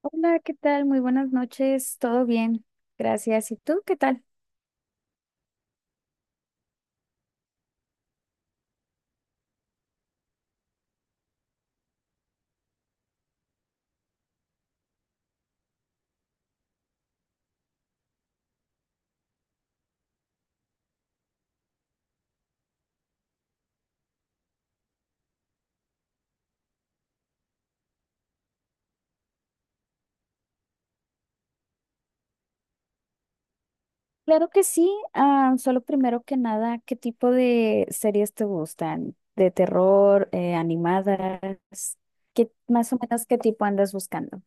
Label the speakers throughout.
Speaker 1: Hola, ¿qué tal? Muy buenas noches, todo bien, gracias. ¿Y tú qué tal? Claro que sí, ah, solo primero que nada, ¿qué tipo de series te gustan? ¿De terror, animadas? ¿Qué más o menos qué tipo andas buscando?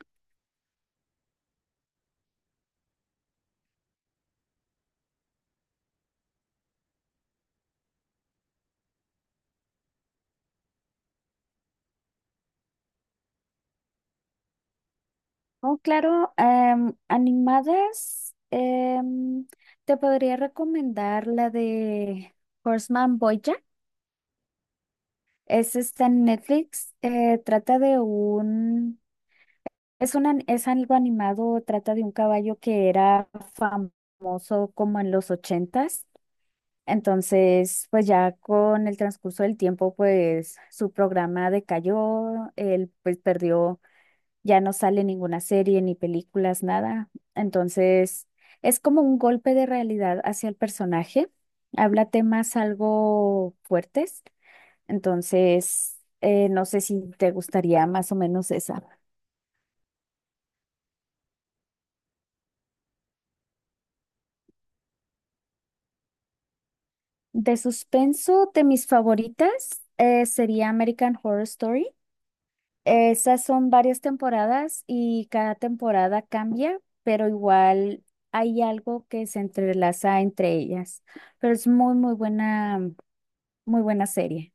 Speaker 1: Oh, claro, animadas, te podría recomendar la de Horseman Bojack. Es está en Netflix, trata de un. Es algo animado, trata de un caballo que era famoso como en los ochentas. Entonces, pues ya con el transcurso del tiempo, pues su programa decayó, él pues perdió, ya no sale ninguna serie, ni películas, nada. Entonces, es como un golpe de realidad hacia el personaje. Habla temas algo fuertes. Entonces, no sé si te gustaría más o menos esa. De suspenso, de mis favoritas sería American Horror Story. Esas son varias temporadas y cada temporada cambia, pero igual hay algo que se entrelaza entre ellas. Pero es muy, muy buena serie.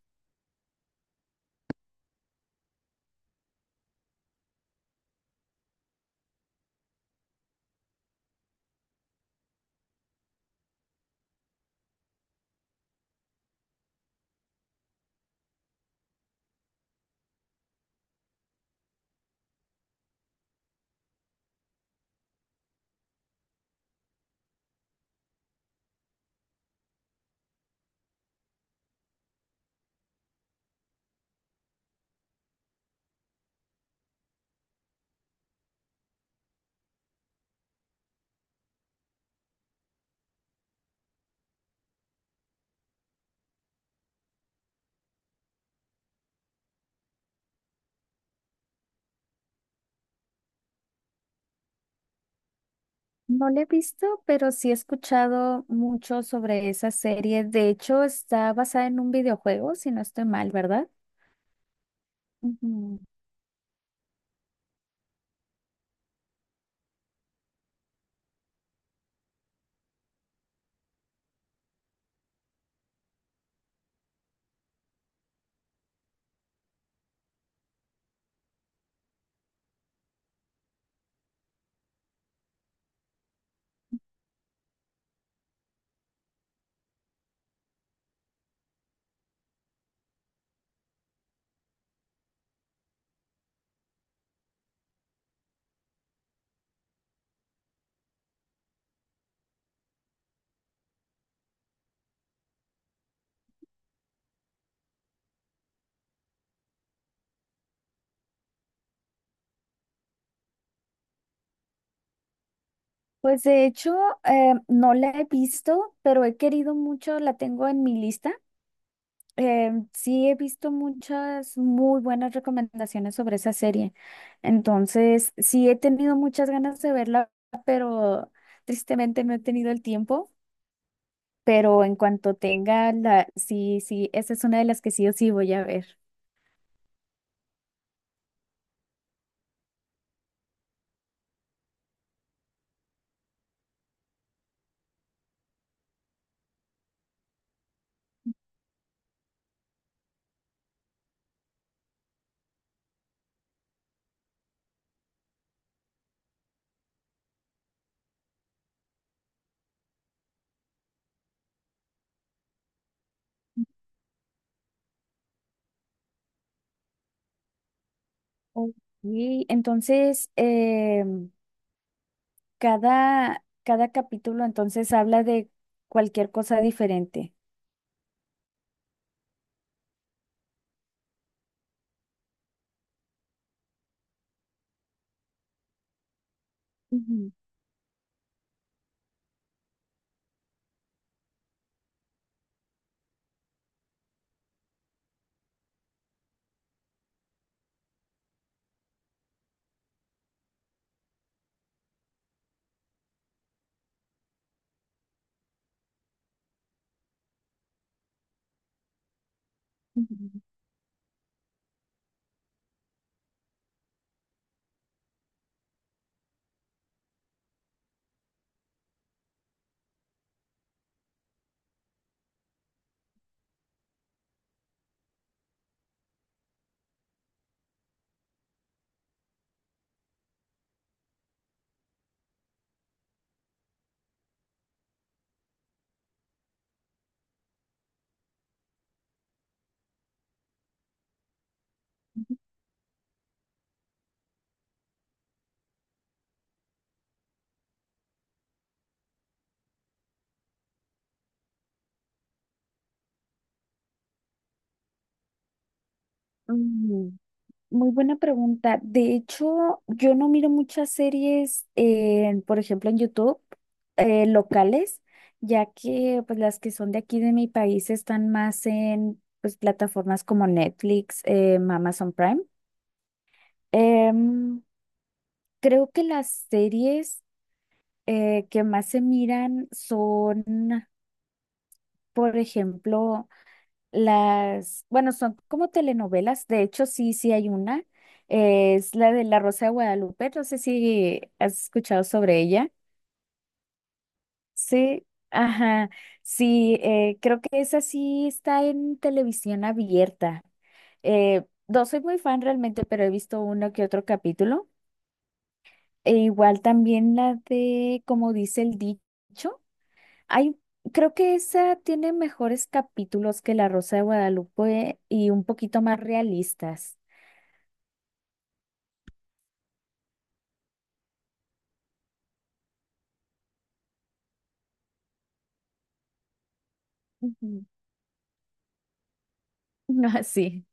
Speaker 1: No la he visto, pero sí he escuchado mucho sobre esa serie. De hecho, está basada en un videojuego, si no estoy mal, ¿verdad? Ujú. Pues de hecho, no la he visto, pero he querido mucho, la tengo en mi lista. Sí he visto muchas muy buenas recomendaciones sobre esa serie. Entonces, sí he tenido muchas ganas de verla, pero tristemente no he tenido el tiempo. Pero en cuanto tenga la, sí, sí, esa es una de las que sí o sí voy a ver. Ok, entonces, em, cada capítulo entonces habla de cualquier cosa diferente. Ujú, ujú. Mm, muy buena pregunta. De hecho, yo no miro muchas series, en, por ejemplo, en YouTube, locales, ya que pues, las que son de aquí de mi país están más en pues, plataformas como Netflix, Amazon Prime. Em, creo que las series que más se miran son, por ejemplo, las, bueno, son como telenovelas, de hecho sí, sí hay una, es la de La Rosa de Guadalupe, no sé si has escuchado sobre ella. Sí, ajá, sí, creo que esa sí está en televisión abierta. No soy muy fan realmente, pero he visto uno que otro capítulo. E igual también la de Como dice el dicho. Hay, creo que esa tiene mejores capítulos que La Rosa de Guadalupe y un poquito más realistas. Ujú. Ah, sí.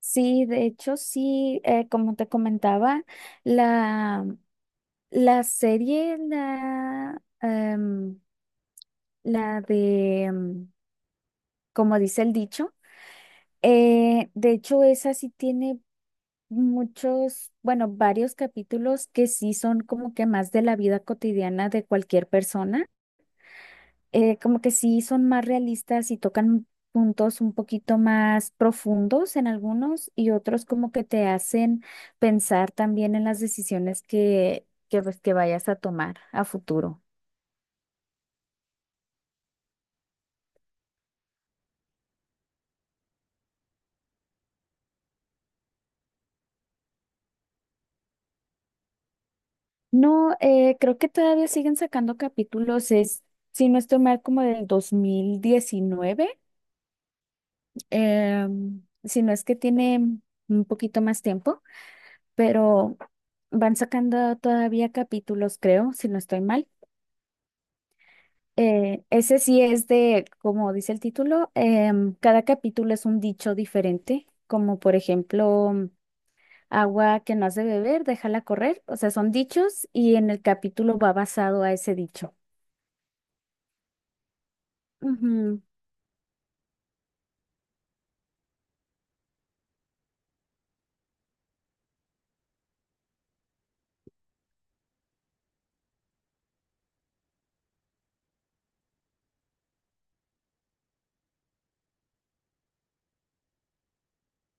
Speaker 1: Sí, de hecho, sí, como te comentaba, la, la serie, la, em, la de, em, como dice el dicho, de hecho, esa sí tiene muchos, bueno, varios capítulos que sí son como que más de la vida cotidiana de cualquier persona. Eh, como que sí son más realistas y tocan puntos un poquito más profundos en algunos y otros como que te hacen pensar también en las decisiones pues, que vayas a tomar a futuro. No, creo que todavía siguen sacando capítulos, es, si no estoy mal, como del 2019, si no es que tiene un poquito más tiempo, pero van sacando todavía capítulos, creo, si no estoy mal. Ese sí es de, como dice el título, cada capítulo es un dicho diferente, como por ejemplo, mm, agua que no has de beber, déjala correr. O sea, son dichos y en el capítulo va basado a ese dicho. Ujú.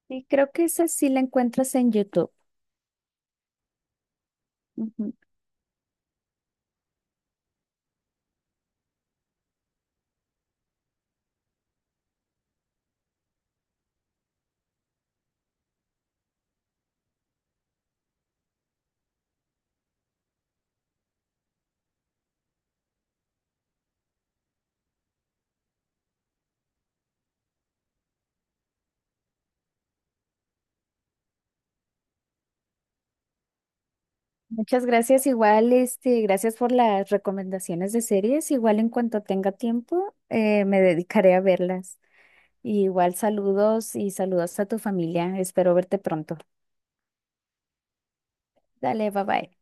Speaker 1: Y creo que esa sí la encuentras en YouTube. Ujú. Muchas gracias, igual, este, gracias por las recomendaciones de series. Igual en cuanto tenga tiempo, me dedicaré a verlas. Y igual saludos y saludos a tu familia. Espero verte pronto. Dale, bye bye.